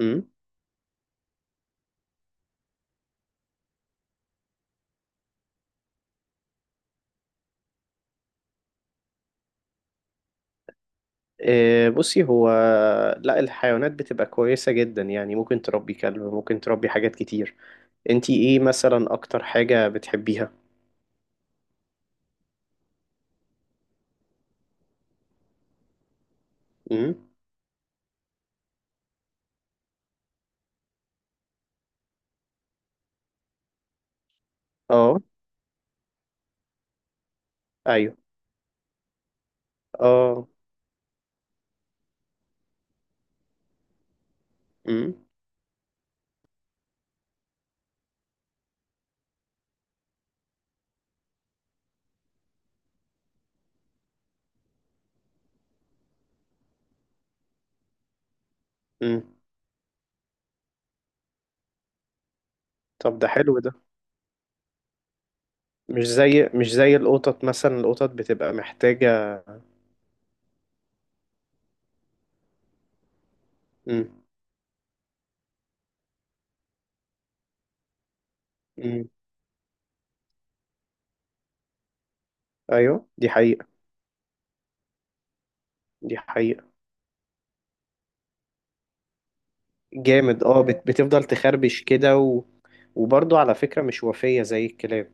امم. إيه، بصي هو لا، الحيوانات بتبقى كويسة جدا يعني، ممكن تربي كلب، ممكن تربي حاجات كتير. انتي ايه مثلا اكتر حاجة بتحبيها؟ امم. اه. ايوه. اه. امم. امم. طب ده حلو ده. مش زي القطط، مثلا القطط بتبقى محتاجة. امم. امم. ايوه دي حقيقة. دي حقيقة. جامد اه، بتفضل تخربش كده و... وبرضه على فكرة مش وفية زي الكلاب.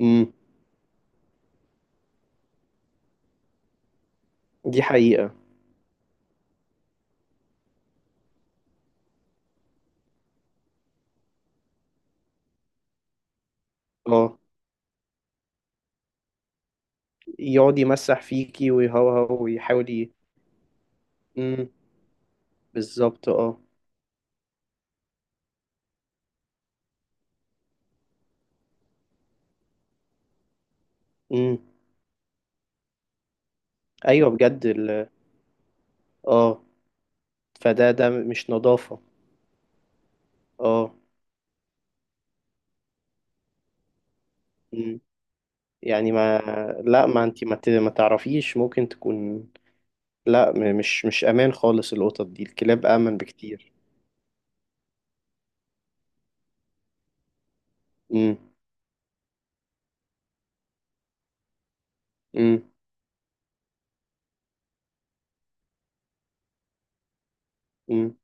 امم. دي حقيقة اه. يقعد يمسح فيكي ويهوهو ويحاول ي... مم. بالظبط اه. مم. ايوه بجد ال... اه. فده ده مش نظافة. اه. مم. يعني ما. لا، ما انت ما, ت... ما تعرفيش ممكن تكون. لا، مش امان خالص. القطط دي الكلاب امن بكتير. مم. مم. مم.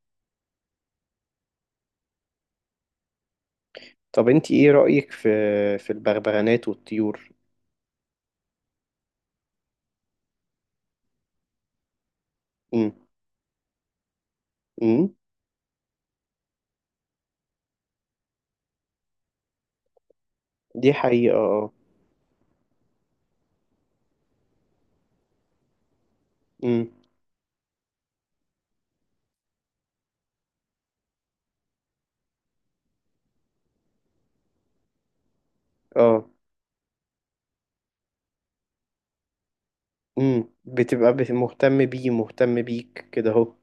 طب انت ايه رأيك في البغبغانات والطيور؟ مم. مم. دي حقيقة اه. مم. اه. امم، بتبقى مهتم بيه، مهتم بيك كده اهو.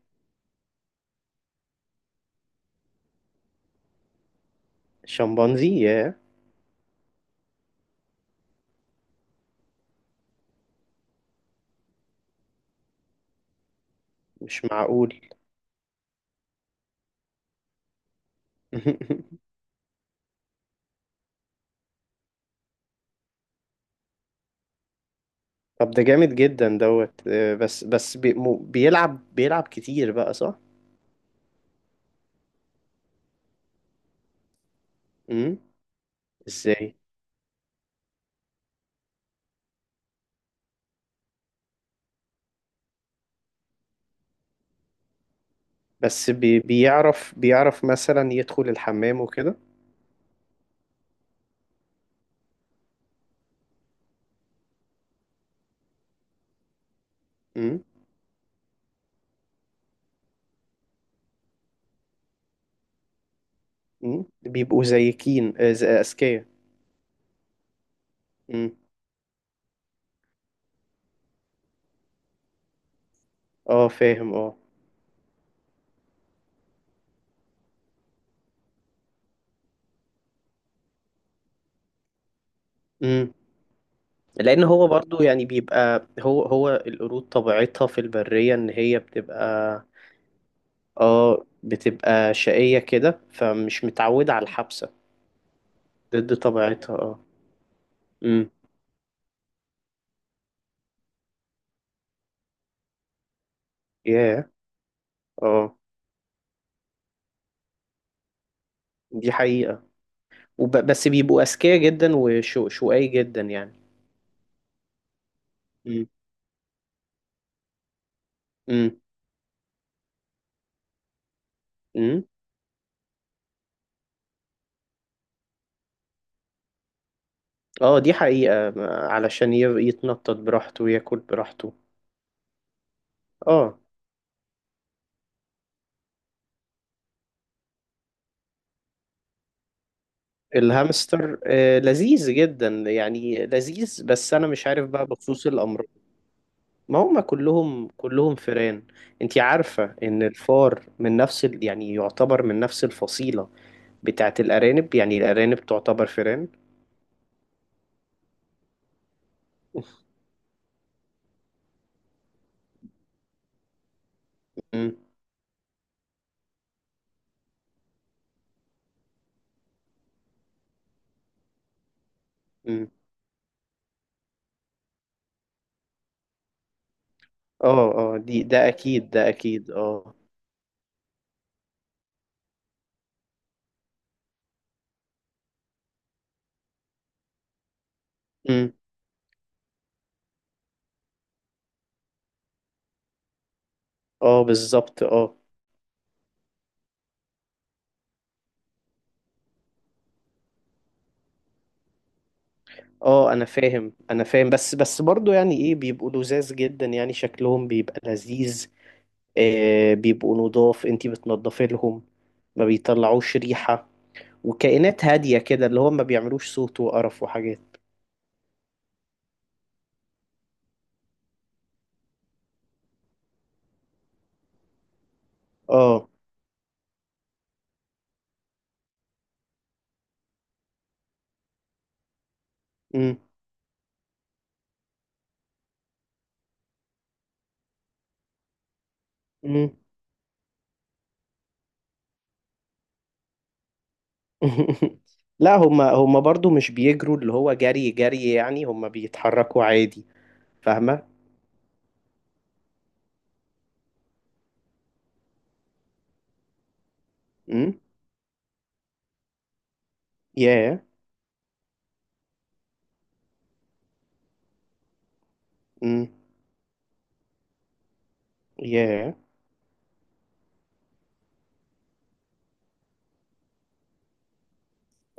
الشمبانزي، ياه. مش معقول. طب ده جامد جدا دوت، بس بس بيلعب كتير بقى، صح؟ امم. ازاي؟ بس بيعرف مثلا يدخل الحمام وكده. امم. امم. بيبقوا زيكين، آه، اذكياء. امم. اه فاهم اه. امم. لان هو برضو يعني بيبقى هو القرود طبيعتها في البرية ان هي بتبقى اه بتبقى شقية كده، فمش متعودة على الحبسة. ضد طبيعتها اه. امم. ياه. اه دي حقيقة. بس بيبقوا أذكياء جدا وشقي جدا يعني. امم. امم. امم. اه دي حقيقة، علشان يتنطط براحته وياكل براحته. اه. الهامستر، آه لذيذ جدا يعني، لذيذ بس أنا مش عارف بقى بخصوص الأمراض. ما هم كلهم كلهم فئران. انت عارفة ان الفار من نفس ال... يعني يعتبر من نفس الفصيلة بتاعت الارانب. يعني الارانب تعتبر فئران. امم. امم. اه اه دي ده اكيد اه. امم. اه بالظبط اه. اه انا فاهم بس بس برضو يعني ايه، بيبقوا لذاذ جدا يعني، شكلهم بيبقى لذيذ. آه بيبقوا نضاف، انت بتنضفي لهم. ما بيطلعوش ريحة. وكائنات هادية كده، اللي هم ما بيعملوش صوت وقرف وحاجات. اه. امم. امم. لا هما برضو مش بيجروا اللي هو جري جري يعني، هما بيتحركوا عادي. فاهمة. امم. ياه. امم. ياه.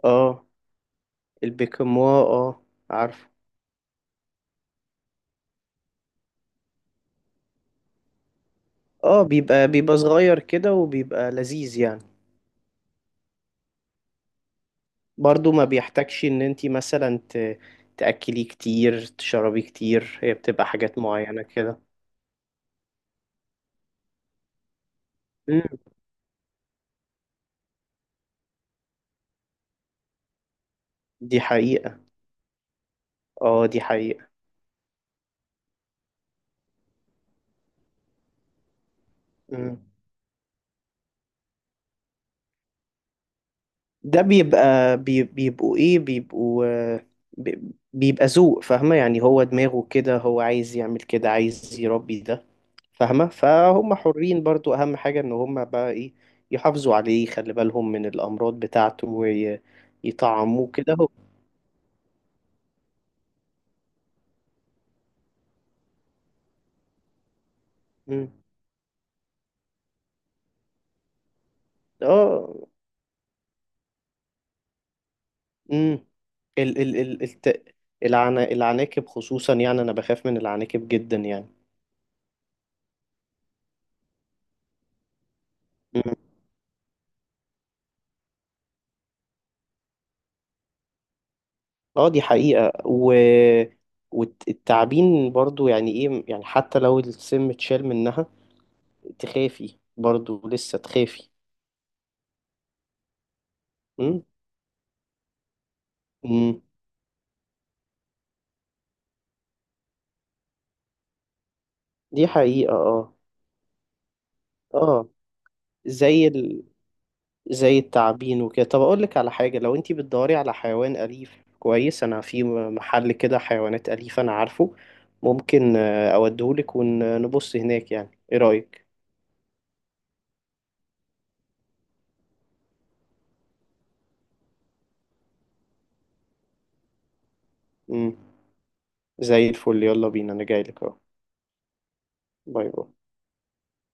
اه البيكاموا اه، عارفه. اه بيبقى صغير كده وبيبقى لذيذ يعني. برضو ما بيحتاجش ان انتي مثلا تأكلي كتير، تشربي كتير. هي بتبقى حاجات معينة كده. امم. دي حقيقة. اه دي حقيقة. امم. ده بيبقى بيبقوا ايه، بيبقوا بي- بيبقى ذوق فاهمة. يعني هو دماغه كده، هو عايز يعمل كده، عايز يربي ده فاهمة. فهم حرين برضو. اهم حاجة ان هم بقى ايه، يحافظوا عليه، يخلي بالهم من الامراض بتاعته ويطعموه كده هو. مم. اه. امم. ال ال ال الت... العناكب خصوصا، يعني انا بخاف من العناكب جدا يعني. اه دي حقيقة و... والتعبين برضو يعني ايه، يعني حتى لو السم اتشال منها تخافي برضو لسه تخافي. م؟ م. دي حقيقة اه. اه زي ال... زي التعابين وكده. طب اقول لك على حاجة، لو انتي بتدوري على حيوان أليف كويس، انا في محل كده حيوانات أليفة انا عارفه، ممكن اوديهولك ونبص هناك. يعني ايه رأيك؟ م. زي الفل، يلا بينا، انا جايلك اهو. باي باي.